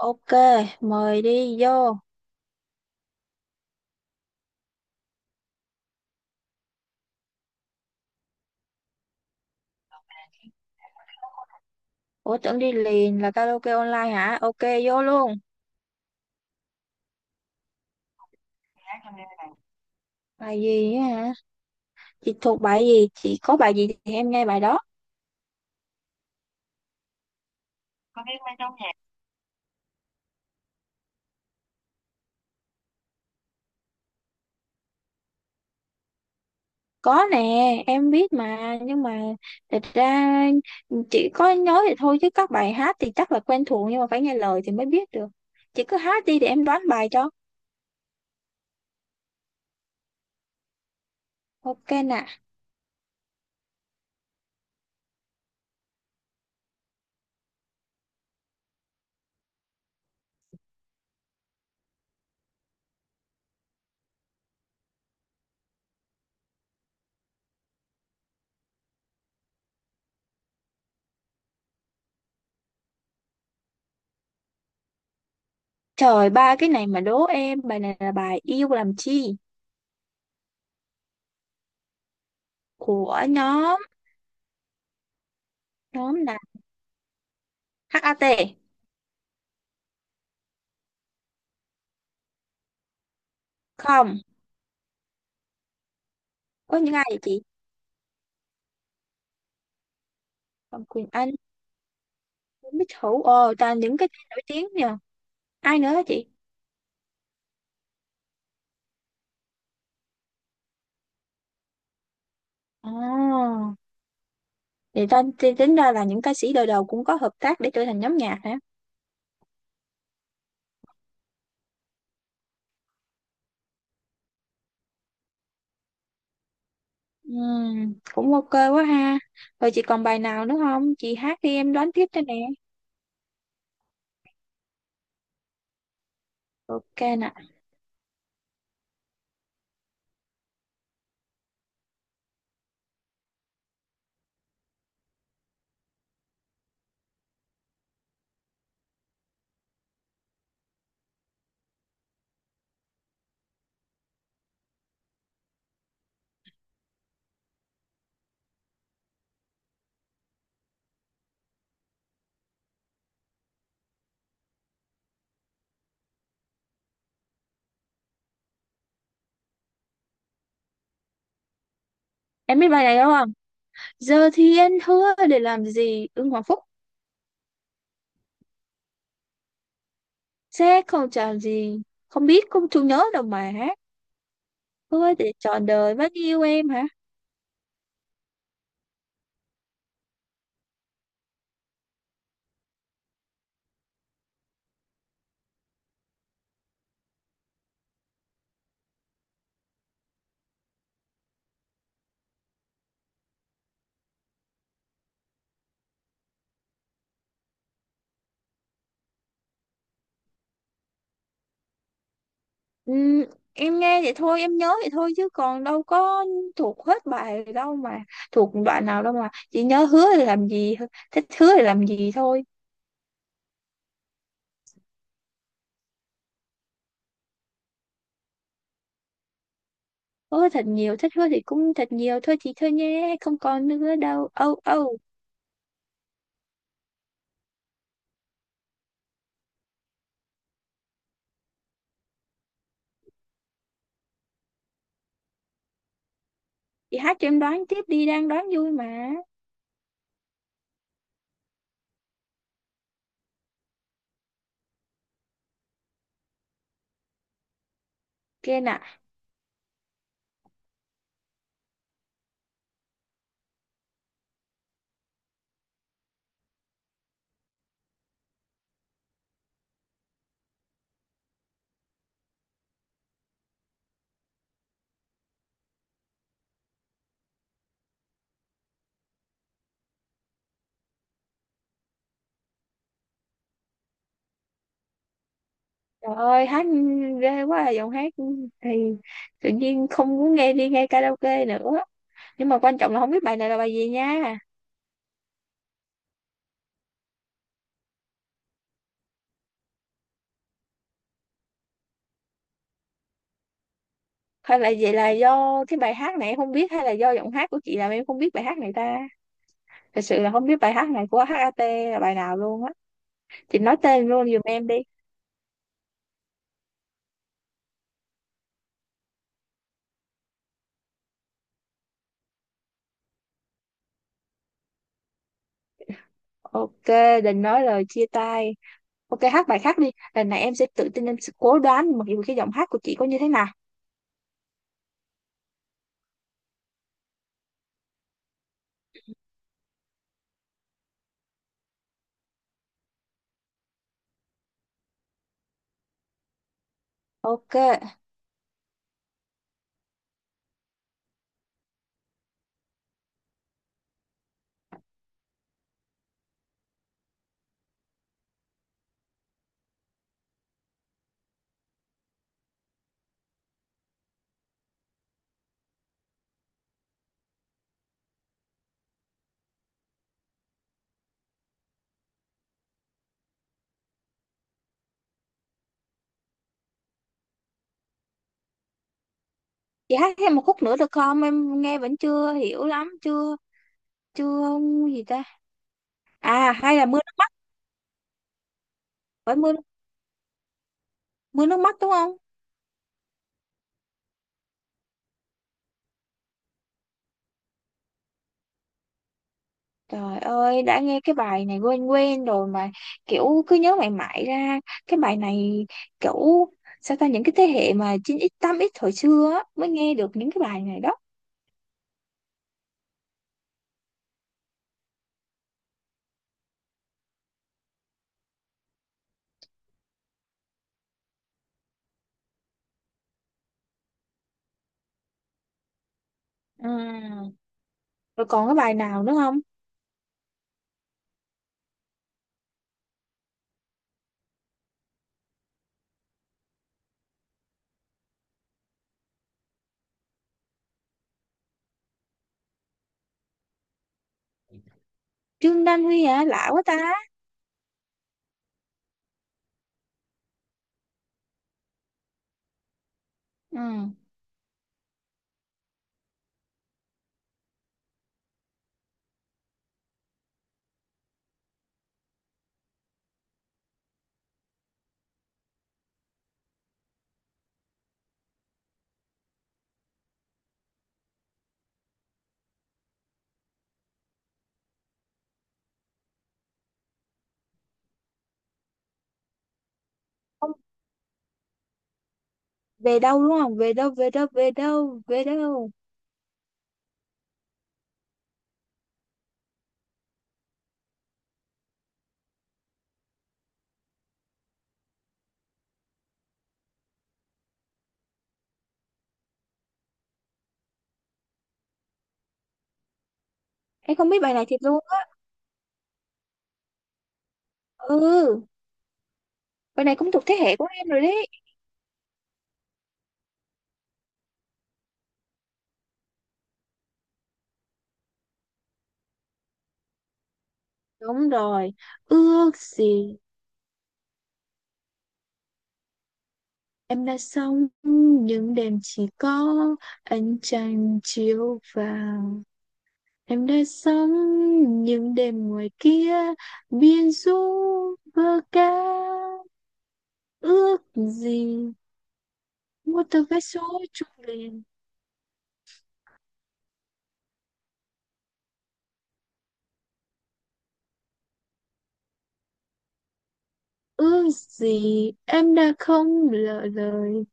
Ok, mời đi vô. Ủa tưởng đi liền là karaoke online hả? Ok, vô luôn. Bài gì á hả? Chị thuộc bài gì? Chị có bài gì thì em nghe bài đó. Có biết mấy nhóm nhạc. Có nè, em biết mà. Nhưng mà thật ra chỉ có nói thì thôi chứ các bài hát thì chắc là quen thuộc nhưng mà phải nghe lời thì mới biết được. Chị cứ hát đi để em đoán bài cho. Ok nè. Trời, ba cái này mà đố em. Bài này là bài Yêu Làm Chi của nhóm nhóm là HAT. Không. Có những ai vậy chị? Phạm Quỳnh Anh, Bích Hữu, ồ toàn những cái tên nổi tiếng nhờ. Ai nữa hả chị? Ồ, thì tính ra là những ca sĩ đời đầu cũng có hợp tác để trở thành nhóm nhạc hả. Cũng ok quá ha. Rồi chị còn bài nào nữa không, chị hát đi em đoán tiếp cho nè. Ok nè. Em biết bài này đúng không? Giờ thì anh hứa để làm gì, Ưng Hoàng Phúc. Sẽ không chọn gì, không biết không chú nhớ đâu mà hát. Hứa để trọn đời vẫn yêu em hả? Ừ, em nghe vậy thôi em nhớ vậy thôi chứ còn đâu có thuộc hết bài đâu mà, thuộc đoạn nào đâu mà chỉ nhớ hứa thì làm gì, thích hứa thì làm gì thôi. Hứa thật nhiều, thích hứa thì cũng thật nhiều thôi chị, thôi nhé không còn nữa đâu âu âu. Chị hát cho em đoán tiếp đi, đang đoán vui mà. Kia nè. Trời ơi hát ghê quá à, giọng hát thì tự nhiên không muốn nghe đi nghe karaoke nữa, nhưng mà quan trọng là không biết bài này là bài gì nha. Hay là vậy, là do cái bài hát này em không biết hay là do giọng hát của chị làm em không biết bài hát này ta. Thật sự là không biết bài hát này của HAT là bài nào luôn á, chị nói tên luôn giùm em đi. Ok, đừng nói lời chia tay. Ok hát bài khác đi, lần này em sẽ tự tin, em sẽ cố đoán mặc dù cái giọng hát của chị có như thế nào. Ok chị hát thêm một khúc nữa được không, em nghe vẫn chưa hiểu lắm. Chưa chưa gì ta. À hay là Mưa Nước Mắt? Phải Mưa, Mưa Nước Mắt đúng không? Trời ơi, đã nghe cái bài này quen quen rồi mà kiểu cứ nhớ mãi mãi ra cái bài này, kiểu sao ta, những cái thế hệ mà 9x 8x hồi xưa á, mới nghe được những cái bài này đó. Ừ, rồi còn cái bài nào nữa không? Trương Đan Huy hả? Lạ quá ta. Ừ. Không, Về Đâu đúng không? Về đâu, về đâu, về đâu, về đâu. Em không biết bài này thiệt luôn á. Ừ, bài này cũng thuộc thế hệ của em rồi đấy. Đúng rồi. Ước gì em đã sống những đêm chỉ có ánh trăng chiếu vào. Em đã sống những đêm ngoài kia biên du vơ ca. Ước gì một tờ vé số trùng liền. Ước gì em đã không lỡ lời.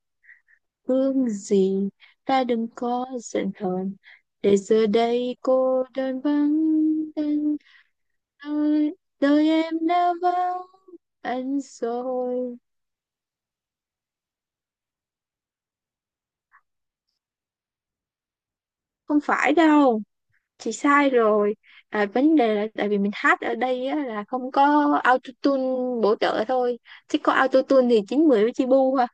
Ước gì ta đừng có giận hờn. Để giờ đây cô đơn vắng tên, đời, đời em đã vắng anh rồi. Không phải đâu chị, sai rồi. À, vấn đề là tại vì mình hát ở đây á, là không có autotune bổ trợ thôi, chứ có autotune thì chín mười với chi bu ha.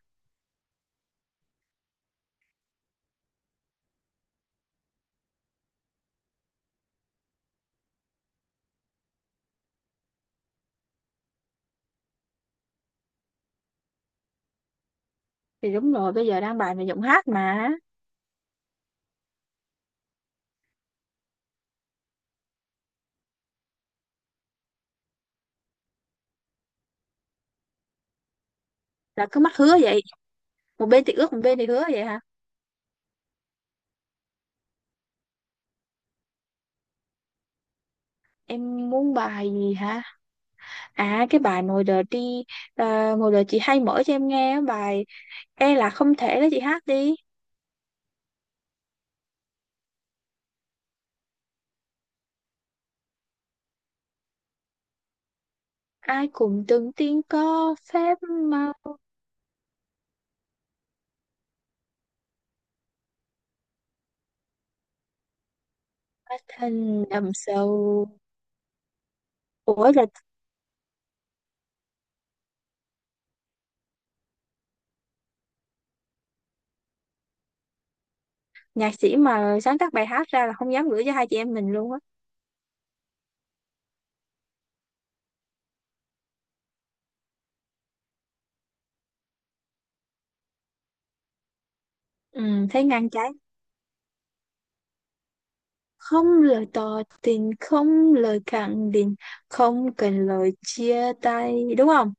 Thì đúng rồi, bây giờ đang bài về giọng hát mà. Là cứ mắc hứa vậy, một bên thì ước một bên thì hứa vậy hả. Em muốn bài gì hả? À cái bài Ngồi Đợi đi. À, Ngồi Đợi chị hay mở cho em nghe á, bài e là không thể đó, chị hát đi. Ai cũng từng tiên có phép màu, hóa thành đầm sầu. Ủa là nhạc sĩ mà sáng tác bài hát ra là không dám gửi cho hai chị em mình luôn á. Ừ, thấy ngang trái, không lời tỏ tình, không lời khẳng định, không cần lời chia tay đúng không.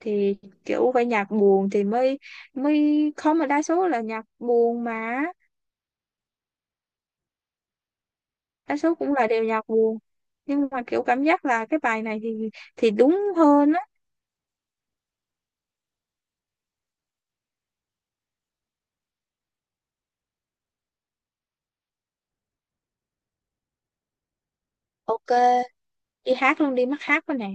thì Kiểu phải nhạc buồn thì mới mới không, mà đa số là nhạc buồn mà. Đa số cũng là đều nhạc buồn, nhưng mà kiểu cảm giác là cái bài này thì đúng hơn á. Ok đi hát luôn đi, mắc hát quá nè.